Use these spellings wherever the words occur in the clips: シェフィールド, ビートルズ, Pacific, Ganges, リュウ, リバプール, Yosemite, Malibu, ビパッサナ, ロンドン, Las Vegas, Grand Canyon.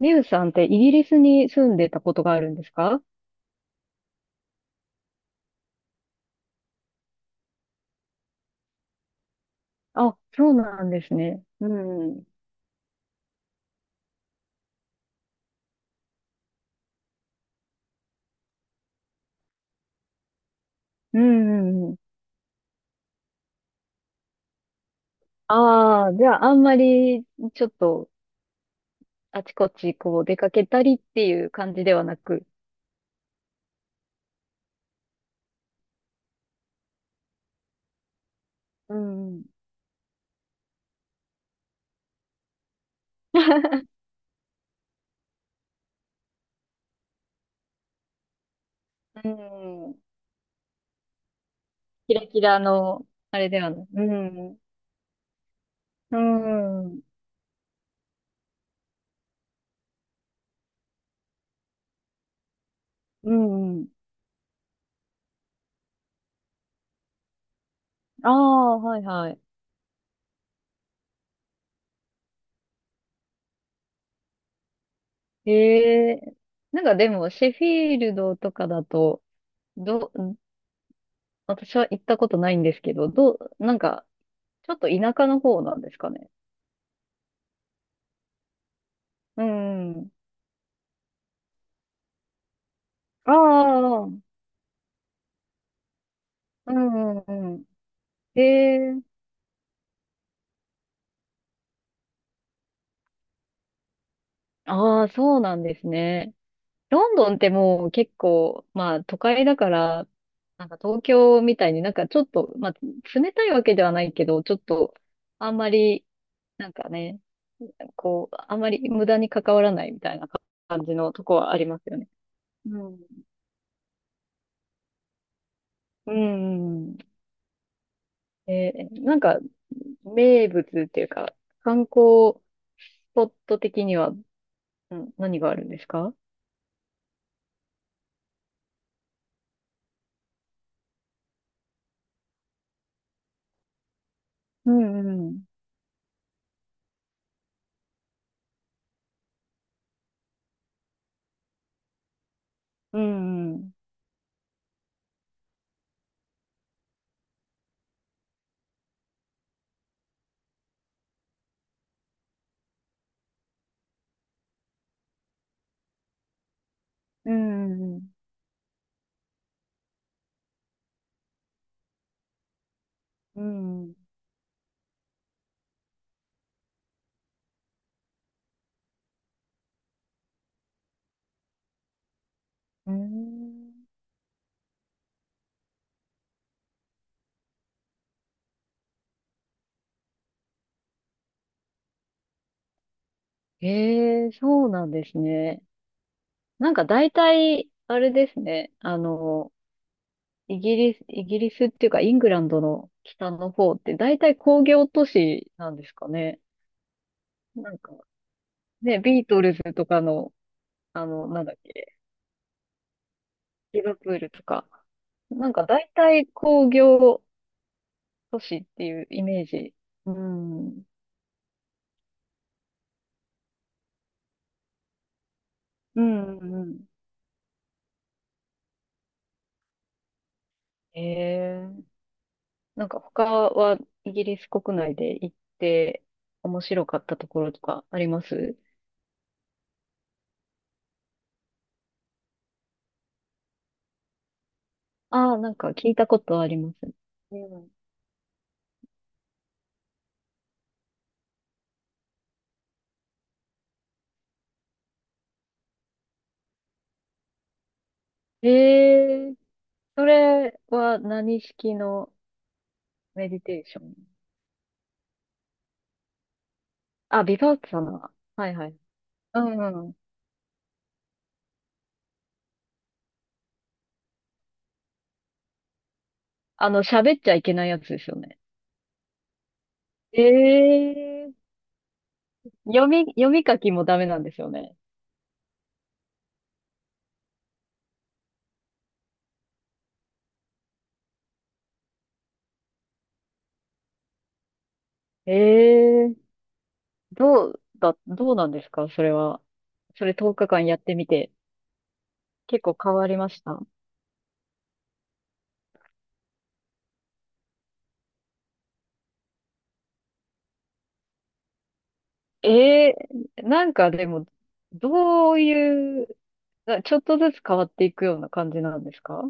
リュウさんってイギリスに住んでたことがあるんですか？あ、そうなんですね。うん。うんうんうん。ああ、じゃあ、あんまりちょっとあちこちこう出かけたりっていう感じではなく。うん。うん。キラキラの、あれではない。うん。うん。うんうん。ああ、はいはい。ええ、なんかでも、シェフィールドとかだと、ど、私は行ったことないんですけど、どう、なんか、ちょっと田舎の方なんですかね。うん。ああ、うん。うんうん。へえ。ああ、そうなんですね。ロンドンってもう結構、まあ都会だから、なんか東京みたいに、なんかちょっと、まあ冷たいわけではないけど、ちょっとあんまり、なんかね、こう、あんまり無駄に関わらないみたいな感じのとこはありますよね。うん。うんうんうん。えー、なんか名物っていうか、観光スポット的には、うん、何があるんですか？うんうん。うんうん。うんうんうん。うんうんうん。ええ、そうなんですね。なんか大体、あれですね。あの、イギリスっていうか、イングランドの北の方って大体工業都市なんですかね。なんか、ね、ビートルズとかの、あの、なんだっけ。リバプールとか。なんか大体工業都市っていうイメージ。うん。うん、うんうん。ええ。なんか他はイギリス国内で行って面白かったところとかあります？ああー、なんか聞いたことあります。うん。ええ、それは何式のメディテーション？あ、ビパッサナ。はいはい。うんうん。あの、喋っちゃいけないやつですよね。ええ、読み書きもダメなんですよね。ええ、どうだ、どうなんですか、それは。それ10日間やってみて、結構変わりました？ええ、なんかでも、どういう、ちょっとずつ変わっていくような感じなんですか？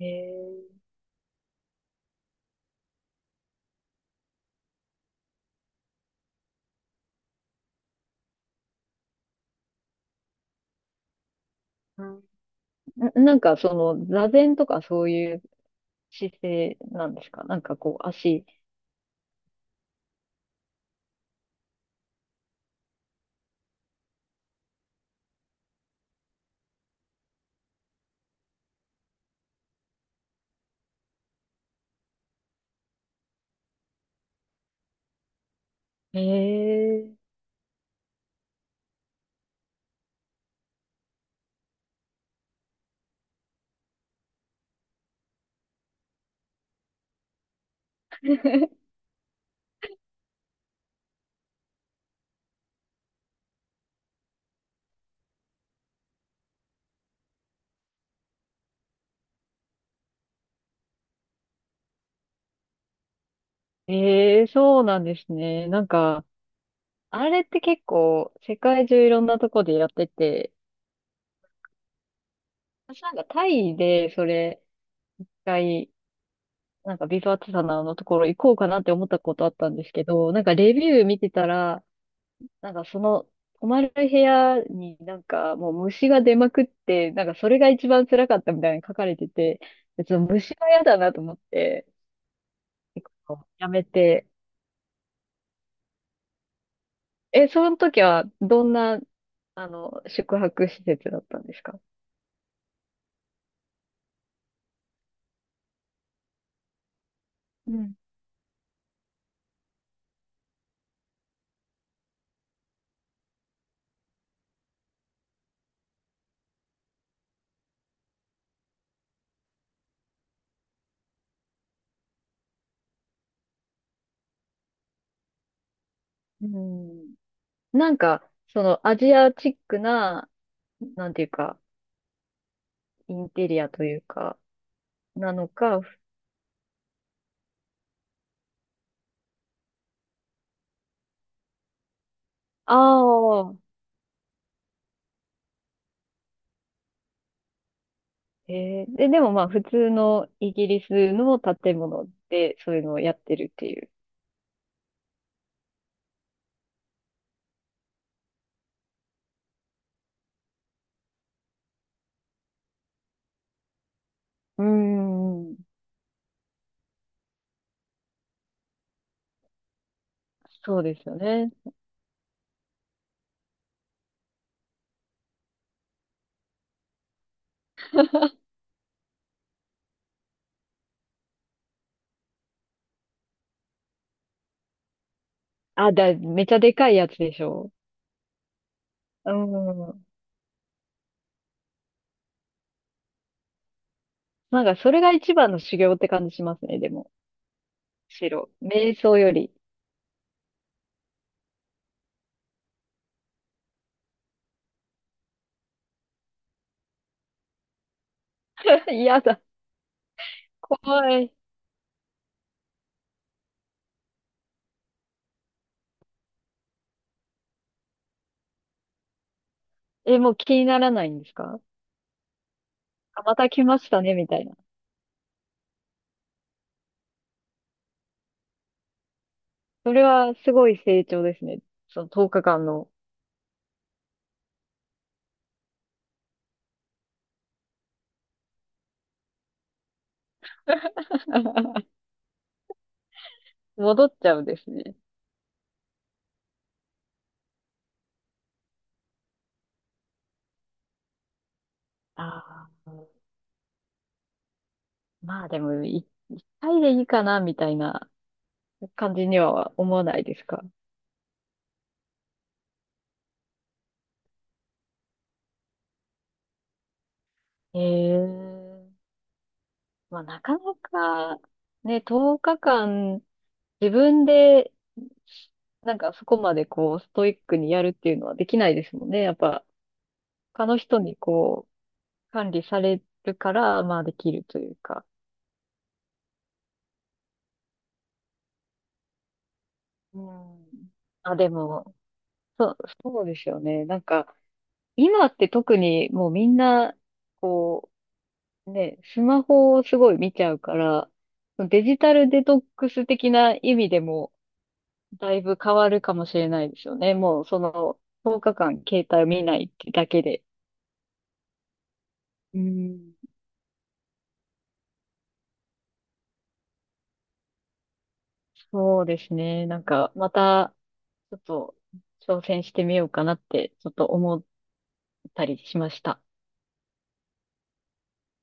ええ、な、なんかその、座禅とかそういう姿勢なんですか、なんかこう、足。ええ。 ええ、そうなんですね。なんか、あれって結構世界中いろんなとこでやってて、私なんかタイでそれ一回、なんかビブアッツサナののところ行こうかなって思ったことあったんですけど、なんかレビュー見てたら、なんかその泊まる部屋になんかもう虫が出まくって、なんかそれが一番辛かったみたいに書かれてて、別に虫は嫌だなと思って、結構やめて、え、その時はどんな、あの、宿泊施設だったんですか？うん。うん。なんか、そのアジアチックな、なんていうか、インテリアというか、なのか、ああ、えー、で、でもまあ普通のイギリスの建物でそういうのをやってるっていう。うーん、そうですよね。あ、だ、めちゃでかいやつでしょう。うん。なんかそれが一番の修行って感じしますね、でも。白瞑想より。嫌だ。怖い。え、もう気にならないんですか？あ、また来ましたね、みたいな。それはすごい成長ですね。その10日間の。戻っちゃうんですね。ああ、まあでも、一回でいいかな、みたいな感じには思わないですか？ええ、まあなかなか、ね、10日間、自分で、なんかそこまでこう、ストイックにやるっていうのはできないですもんね。やっぱ、他の人にこう、管理されるから、まあできるというか。うん。あ、でも、そう、そうですよね。なんか、今って特にもうみんな、こう、ね、スマホをすごい見ちゃうから、デジタルデトックス的な意味でも、だいぶ変わるかもしれないですよね。もうその、10日間携帯を見ないってだけで。うん、そうですね。なんか、また、ちょっと、挑戦してみようかなって、ちょっと思ったりしました。